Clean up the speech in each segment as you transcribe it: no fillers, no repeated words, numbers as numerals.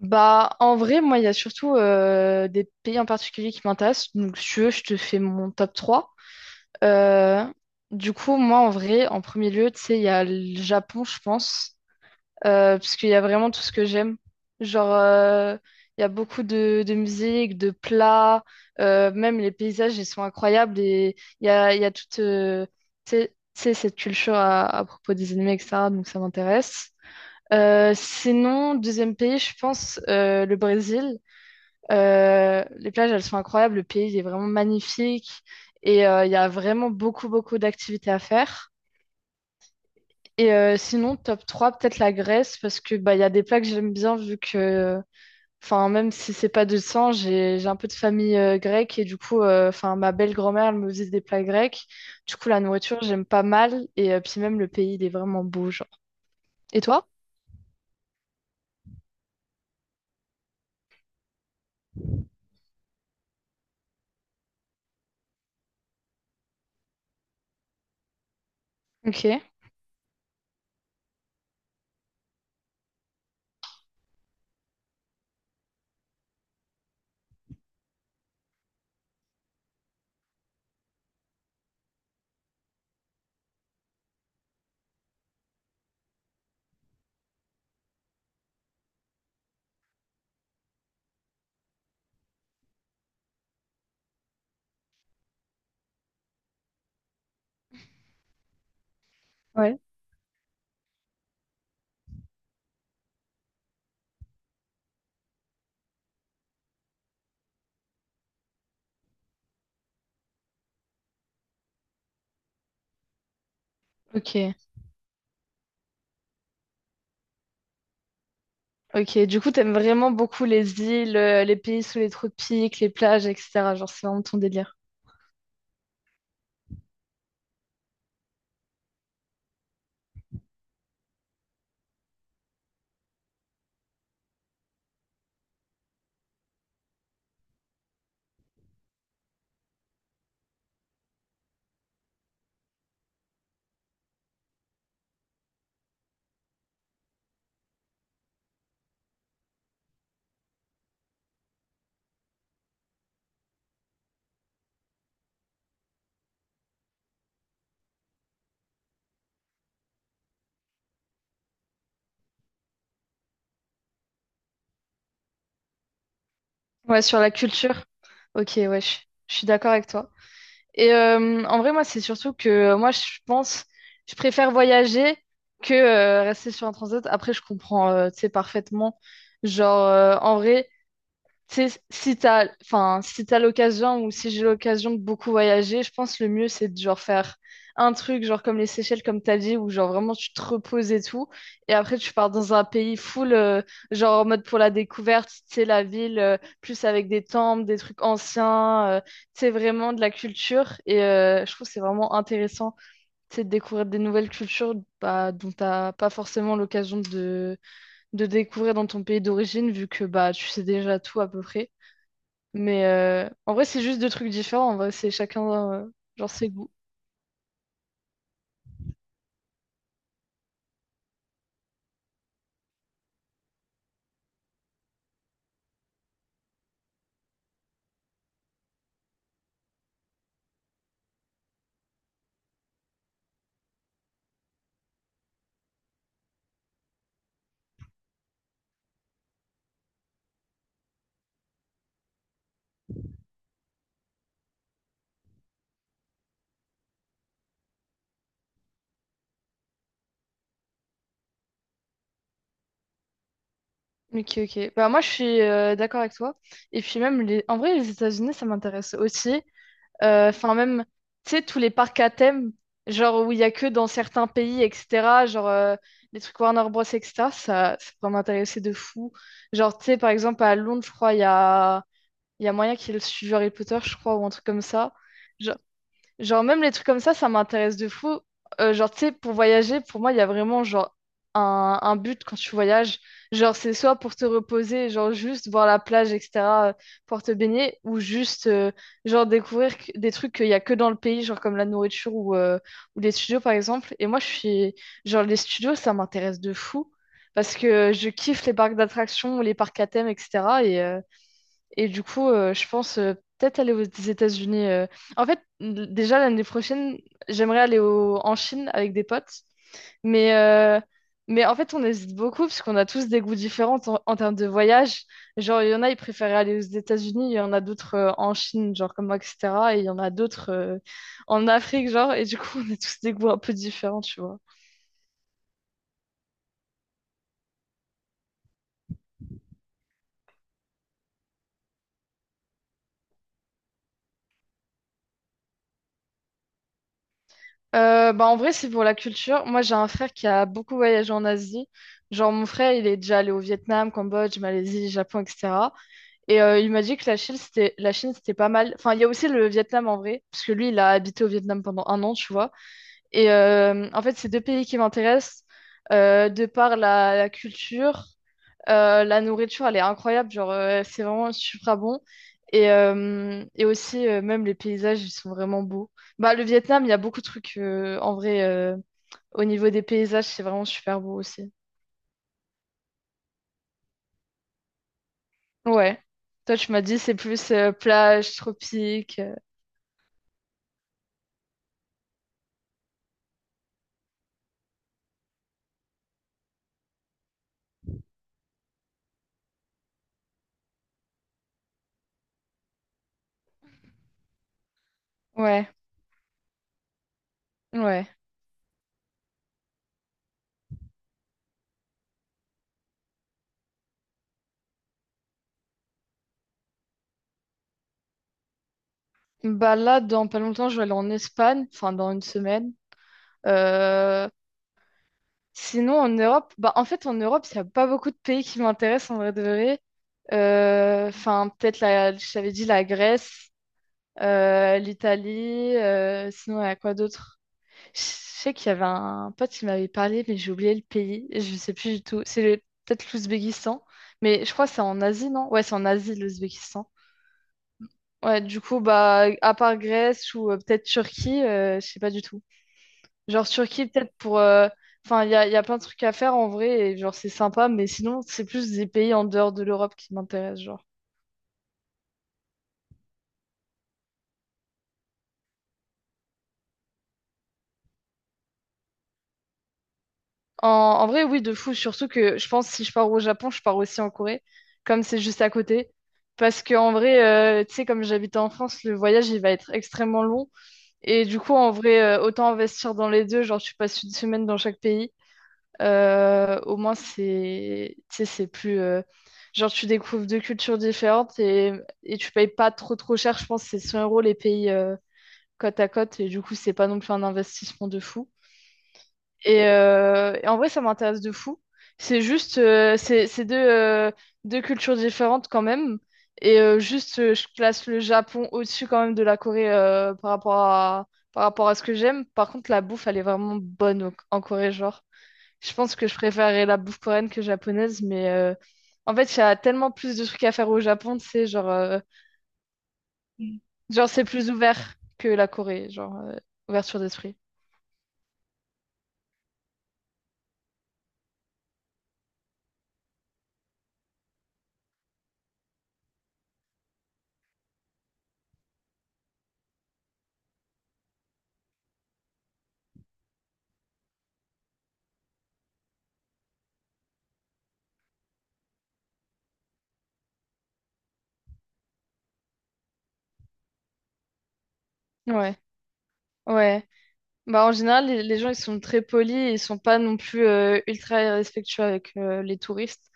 Bah, en vrai, moi, il y a surtout des pays en particulier qui m'intéressent. Donc, si tu veux, je te fais mon top 3. Euh, du coup, moi, en vrai, en premier lieu, tu sais, il y a le Japon, je pense, parce qu'il y a vraiment tout ce que j'aime. Genre, il y a beaucoup de musique, de plats, même les paysages, ils sont incroyables. Et il y a toute, tu sais, cette culture à propos des animés, etc. Donc, ça m'intéresse. Sinon, deuxième pays, je pense le Brésil. Les plages, elles sont incroyables. Le pays il est vraiment magnifique et il y a vraiment beaucoup, beaucoup d'activités à faire. Et sinon, top 3 peut-être la Grèce parce que bah, il y a des plats que j'aime bien vu que, enfin, même si c'est pas de sang, j'ai un peu de famille grecque et du coup, enfin, ma belle-grand-mère, elle me faisait des plats grecs. Du coup, la nourriture, j'aime pas mal et puis même le pays, il est vraiment beau, genre. Et toi? Ok. Ouais. Ok. Ok, du coup, t'aimes vraiment beaucoup les îles, les pays sous les tropiques, les plages, etc. Genre, c'est vraiment ton délire. Ouais, sur la culture. Ok, ouais, je suis d'accord avec toi. Et en vrai, moi, c'est surtout que moi, je pense, je préfère voyager que rester sur un transat. Après, je comprends, tu sais, parfaitement. Genre, en vrai, tu sais, si t'as, enfin, si t'as l'occasion ou si j'ai l'occasion de beaucoup voyager, je pense le mieux c'est de genre faire un truc genre comme les Seychelles comme t'as dit où genre vraiment tu te reposes et tout et après tu pars dans un pays full genre en mode pour la découverte, tu sais la ville plus avec des temples, des trucs anciens, tu sais vraiment de la culture et je trouve que c'est vraiment intéressant, tu sais, de découvrir des nouvelles cultures bah, dont t'as pas forcément l'occasion de découvrir dans ton pays d'origine vu que bah tu sais déjà tout à peu près. Mais en vrai, c'est juste deux trucs différents. En vrai, c'est chacun, genre, ses goûts. Ok, ok. Bah, moi, je suis d'accord avec toi. Et puis, même, en vrai, les États-Unis, ça m'intéresse aussi. Enfin, même, tu sais, tous les parcs à thème, genre, où il y a que dans certains pays, etc. Genre, les trucs Warner Bros, etc. Ça pourrait m'intéresser de fou. Genre, tu sais, par exemple, à Londres, je crois, il y a moyen qu'ils suivent Harry Potter, je crois, ou un truc comme ça. Genre, même les trucs comme ça m'intéresse de fou. Genre, tu sais, pour voyager, pour moi, il y a vraiment genre un but quand tu voyages. Genre, c'est soit pour te reposer, genre juste voir la plage, etc., euh, pour te baigner, ou juste genre découvrir des trucs qu'il y a que dans le pays, genre comme la nourriture ou les studios, par exemple. Et moi, je suis genre, les studios, ça m'intéresse de fou parce que je kiffe les parcs d'attractions, les parcs à thème, etc. Et du coup, je pense peut-être aller aux États-Unis. En fait, déjà l'année prochaine, j'aimerais aller en Chine avec des potes. Mais, euh, mais en fait, on hésite beaucoup parce qu'on a tous des goûts différents en termes de voyage. Genre, il y en a, ils préféraient aller aux États-Unis, il y en a d'autres en Chine, genre comme moi, etc. Et il y en a d'autres en Afrique, genre. Et du coup, on a tous des goûts un peu différents, tu vois. Bah en vrai, c'est pour la culture. Moi, j'ai un frère qui a beaucoup voyagé en Asie. Genre, mon frère, il est déjà allé au Vietnam, Cambodge, Malaisie, Japon, etc. Et il m'a dit que la Chine, c'était pas mal. Enfin, il y a aussi le Vietnam en vrai, parce que lui, il a habité au Vietnam pendant un an, tu vois. Et en fait, c'est deux pays qui m'intéressent de par la culture la nourriture, elle est incroyable, genre, c'est vraiment super bon. Et aussi, même les paysages, ils sont vraiment beaux. Bah, le Vietnam, il y a beaucoup de trucs, en vrai, au niveau des paysages, c'est vraiment super beau aussi. Ouais. Toi, tu m'as dit, c'est plus plage, tropique. Ouais, ouais. Bah là, dans pas longtemps, je vais aller en Espagne, enfin, dans une semaine. Euh, Sinon, en Europe, bah, en fait, en Europe, il n'y a pas beaucoup de pays qui m'intéressent en vrai de vrai. Enfin, peut-être, je t'avais dit la Grèce, l'Italie, sinon, il y a quoi d'autre? Je sais qu'il y avait un pote qui m'avait parlé, mais j'ai oublié le pays. Je ne sais plus du tout. C'est peut-être l'Ouzbékistan, mais je crois que c'est en Asie, non? Ouais, c'est en Asie, l'Ouzbékistan. Ouais, du coup, bah, à part Grèce ou peut-être Turquie, je sais pas du tout. Genre Turquie, peut-être pour. Enfin, il y a plein de trucs à faire en vrai, et genre c'est sympa, mais sinon, c'est plus des pays en dehors de l'Europe qui m'intéressent, genre. En vrai, oui, de fou, surtout que je pense si je pars au Japon, je pars aussi en Corée, comme c'est juste à côté. Parce que en vrai, tu sais, comme j'habite en France, le voyage, il va être extrêmement long. Et du coup, en vrai, autant investir dans les deux, genre tu passes une semaine dans chaque pays. Au moins, c'est, tu sais, c'est plus. Genre, tu découvres deux cultures différentes et tu payes pas trop trop cher. Je pense que c'est 100 € les pays côte à côte. Et du coup, c'est pas non plus un investissement de fou. Et en vrai, ça m'intéresse de fou. C'est juste, c'est deux cultures différentes quand même. Et juste, je classe le Japon au-dessus quand même de la Corée par rapport à, ce que j'aime. Par contre, la bouffe, elle est vraiment bonne en Corée, genre. Je pense que je préférerais la bouffe coréenne que japonaise, mais en fait, il y a tellement plus de trucs à faire au Japon, tu sais, genre, Mm. Genre c'est plus ouvert que la Corée, genre, ouverture d'esprit. Ouais, ouais. Bah, en général, les gens, ils sont très polis, et ils sont pas non plus ultra respectueux avec les touristes.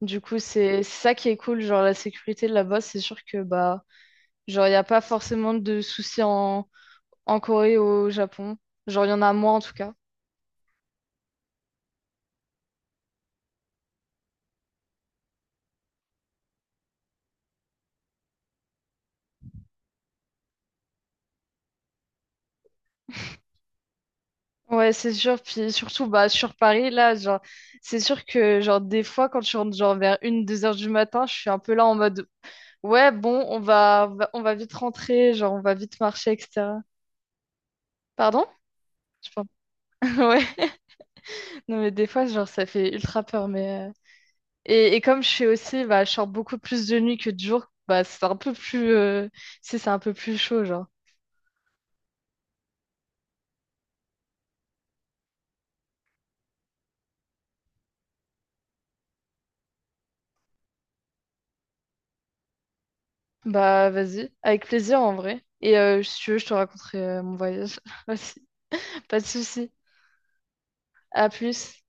Du coup, c'est ça qui est cool, genre la sécurité là-bas, c'est sûr que, bah, genre, il n'y a pas forcément de soucis en Corée ou au Japon. Genre, il y en a moins en tout cas. Ouais, c'est sûr. Puis surtout, bah, sur Paris, là, genre, c'est sûr que, genre, des fois, quand je rentre, genre, vers une, deux heures du matin, je suis un peu là en mode, ouais, bon, on va vite rentrer, genre, on va vite marcher, etc. Pardon? Je pense. Ouais. Non, mais des fois, genre, ça fait ultra peur, mais. Et comme je fais aussi, bah, je sors beaucoup plus de nuit que de jour, bah, c'est un peu plus, c'est un peu plus chaud, genre. Bah, vas-y. Avec plaisir, en vrai. Et, si tu veux, je te raconterai, mon voyage aussi. Pas de souci. À plus.